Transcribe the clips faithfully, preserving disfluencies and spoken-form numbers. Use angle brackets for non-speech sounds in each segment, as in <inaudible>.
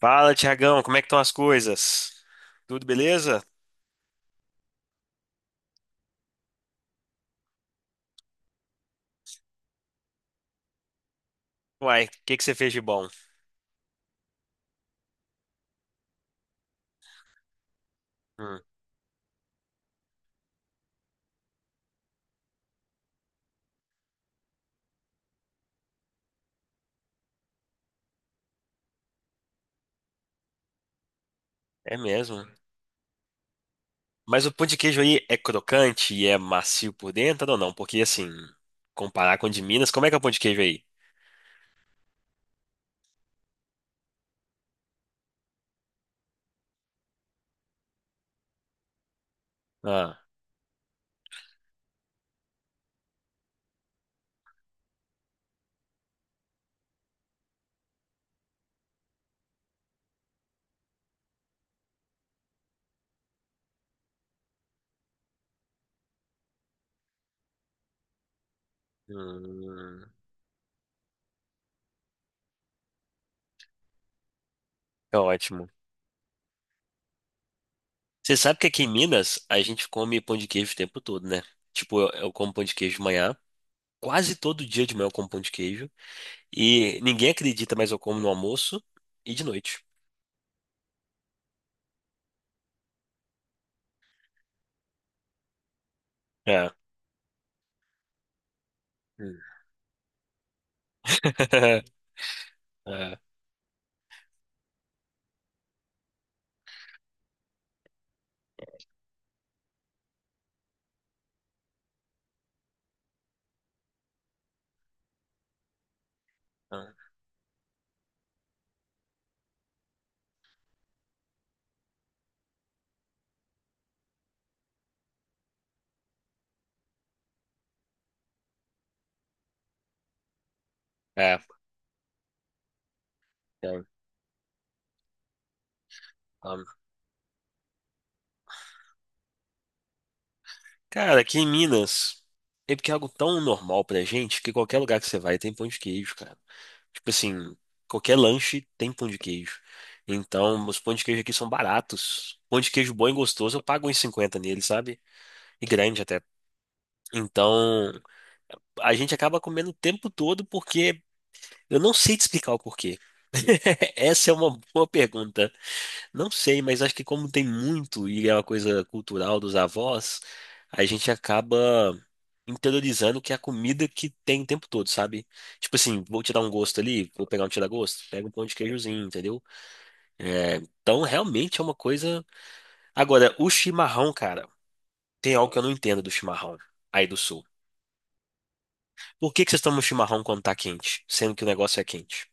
Fala, Tiagão, como é que estão as coisas? Tudo beleza? Uai, o que que você fez de bom? Hum, é mesmo. Mas o pão de queijo aí é crocante e é macio por dentro ou não? Porque assim, comparar com o de Minas, como é que é o pão de queijo aí? Ah, hum, é ótimo. Você sabe que aqui em Minas a gente come pão de queijo o tempo todo, né? Tipo, eu, eu como pão de queijo de manhã, quase todo dia de manhã eu como pão de queijo e ninguém acredita, mas eu como no almoço e de noite. É. Hum. <laughs> É, é, um, cara, aqui em Minas, é porque é algo tão normal pra gente que qualquer lugar que você vai tem pão de queijo, cara. Tipo assim, qualquer lanche tem pão de queijo. Então, os pão de queijo aqui são baratos. Pão de queijo bom e gostoso, eu pago uns cinquenta nele, sabe? E grande até. Então, a gente acaba comendo o tempo todo porque eu não sei te explicar o porquê. <laughs> Essa é uma boa pergunta. Não sei, mas acho que como tem muito e é uma coisa cultural dos avós, a gente acaba interiorizando que é a comida que tem o tempo todo, sabe? Tipo assim, vou tirar um gosto ali, vou pegar um tira-gosto, pega um pão de queijozinho, entendeu? É, então realmente é uma coisa. Agora, o chimarrão, cara, tem algo que eu não entendo do chimarrão aí do sul. Por que que vocês tomam chimarrão quando tá quente, sendo que o negócio é quente?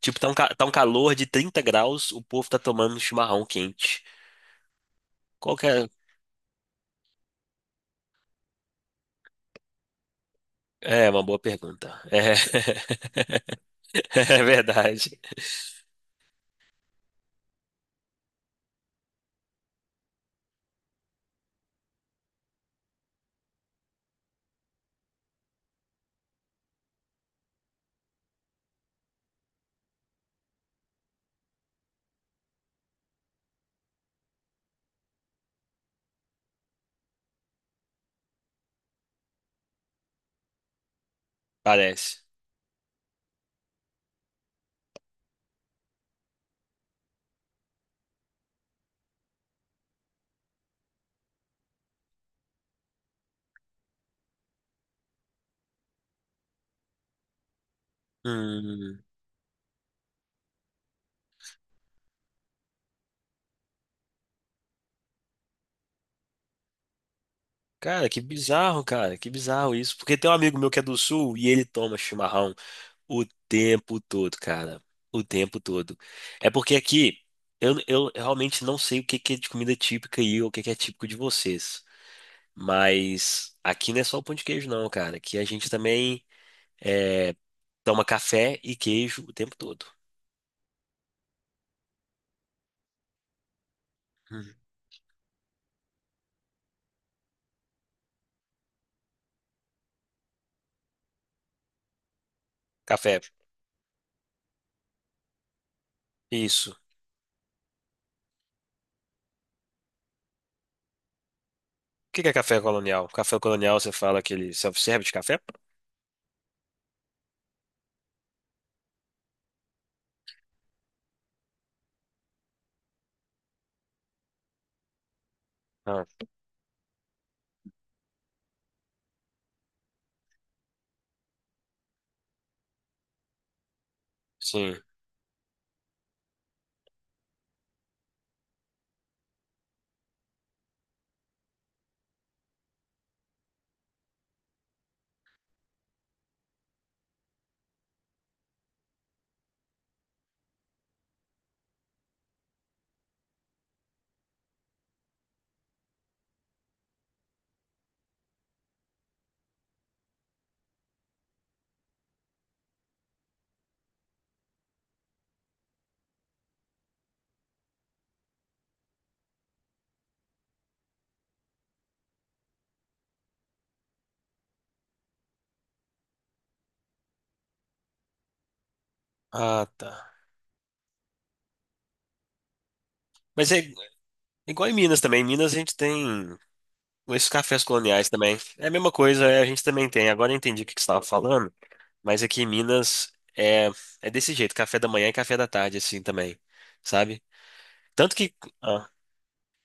Tipo, tá um, ca- tá um calor de trinta graus, o povo tá tomando um chimarrão quente. Qual que é? É, uma boa pergunta. É, <laughs> é verdade. Parece. Hum, cara, que bizarro, cara, que bizarro isso. Porque tem um amigo meu que é do sul e ele toma chimarrão o tempo todo, cara. O tempo todo. É porque aqui eu, eu realmente não sei o que que é de comida típica aí ou o que que é típico de vocês. Mas aqui não é só o pão de queijo, não, cara. Aqui a gente também. é, Toma café e queijo o tempo todo. Uhum. Café, isso. O que que é café colonial? Café colonial, você fala aquele self-service de café? Ah, sim. Ah, tá. Mas é igual em Minas também. Em Minas a gente tem esses cafés coloniais também. É a mesma coisa, é, a gente também tem. Agora eu entendi o que que você estava falando, mas aqui em Minas é, é desse jeito, café da manhã e café da tarde, assim também, sabe? Tanto que. Ah,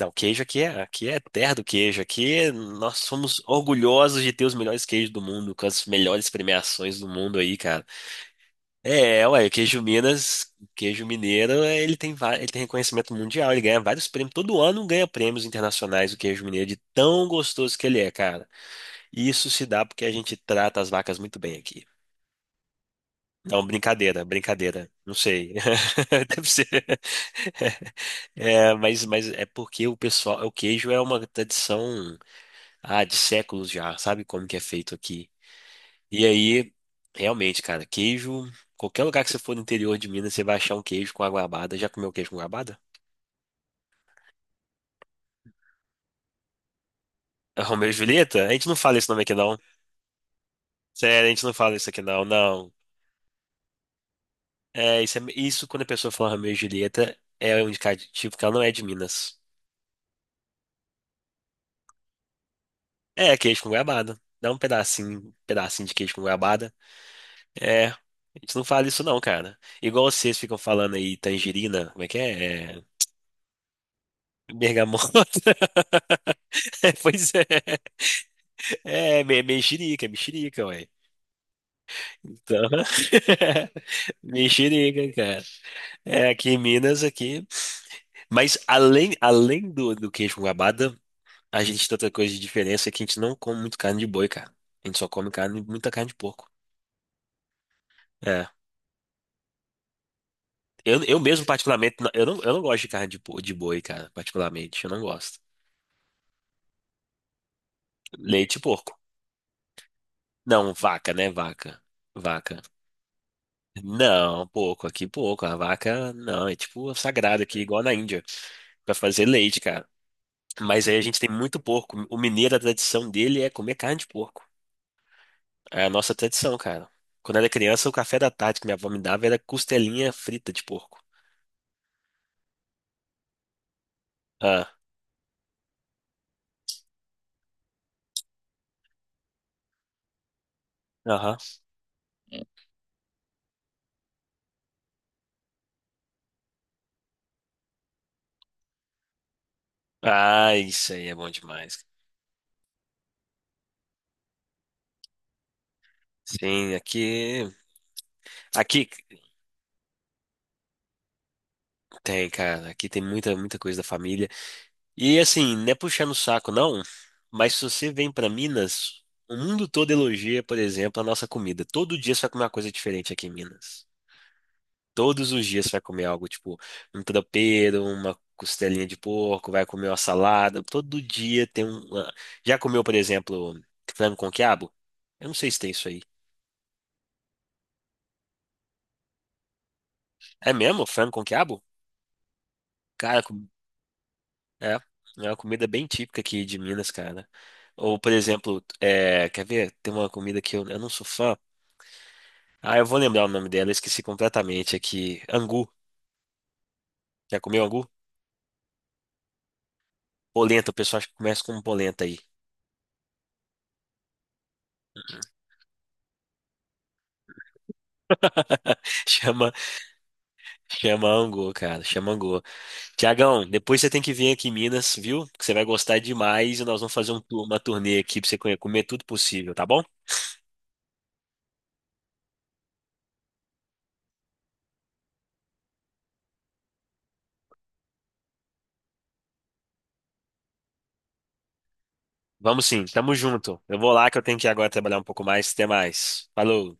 não, queijo aqui é, aqui é terra do queijo. Aqui nós somos orgulhosos de ter os melhores queijos do mundo, com as melhores premiações do mundo aí, cara. É, ué, o queijo Minas, o queijo mineiro, é, ele tem, va- ele tem reconhecimento mundial, ele ganha vários prêmios. Todo ano ganha prêmios internacionais o queijo mineiro, de tão gostoso que ele é, cara. E isso se dá porque a gente trata as vacas muito bem aqui. Não, brincadeira, brincadeira. Não sei. <laughs> Deve ser. É, mas, mas é porque o pessoal, o queijo é uma tradição. Ah, de séculos já, sabe como que é feito aqui. E aí, realmente, cara, queijo, qualquer lugar que você for no interior de Minas, você vai achar um queijo com a goiabada. Já comeu queijo com goiabada? É Romeu e <laughs> Julieta? A gente não fala esse nome aqui não. Sério, a gente não fala isso aqui não, não. É, isso, é- isso quando a pessoa fala Romeu e Julieta é um indicativo que ela não é de Minas. É, queijo com goiabada. Dá um pedacinho, um pedacinho de queijo com goiabada. É, a gente não fala isso não, cara. Igual vocês ficam falando aí tangerina, como é que é? É, bergamota. <laughs> É, pois é. É, me- mexerica, mexerica, ué. Então, <laughs> mexerica, cara. É, aqui em Minas, aqui. Mas além, além do, do queijo com goiabada, a gente tem outra coisa de diferença é que a gente não come muito carne de boi, cara. A gente só come carne, muita carne de porco. É. Eu, eu mesmo, particularmente, não- eu não, eu não gosto de carne de, po- de boi, cara, particularmente. Eu não gosto. Leite e porco. Não, vaca, né? Vaca. Vaca. Não, pouco, aqui pouco. A vaca, não, é tipo sagrada aqui, igual na Índia, pra fazer leite, cara. Mas aí a gente tem muito porco. O mineiro, a tradição dele é comer carne de porco. É a nossa tradição, cara. Quando eu era criança, o café da tarde que minha avó me dava era costelinha frita de porco. Ah, aham. Ah, isso aí é bom demais. Sim, aqui. Aqui tem, cara. Aqui tem muita, muita coisa da família. E assim, não é puxando o saco, não, mas se você vem pra Minas, o mundo todo elogia, por exemplo, a nossa comida. Todo dia você vai comer uma coisa diferente aqui em Minas. Todos os dias você vai comer algo, tipo, um tropeiro, uma costelinha de porco, vai comer uma salada. Todo dia tem um. uma- já comeu, por exemplo, frango com quiabo? Eu não sei se tem isso aí. É mesmo? Frango com quiabo? Cara, com- É. É uma comida bem típica aqui de Minas, cara. Ou, por exemplo, é, quer ver? Tem uma comida que eu, eu não sou fã. Ah, eu vou lembrar o nome dela, eu esqueci completamente aqui. Angu. Já comeu angu? Polenta, o pessoal acha que começa com polenta aí. <laughs> Chama, chama angu, cara, chama angu. Tiagão, depois você tem que vir aqui em Minas, viu? Que você vai gostar demais e nós vamos fazer um tour- uma turnê aqui pra você comer comer tudo possível, tá bom? Vamos sim, tamo junto. Eu vou lá que eu tenho que ir agora trabalhar um pouco mais. Até mais. Falou.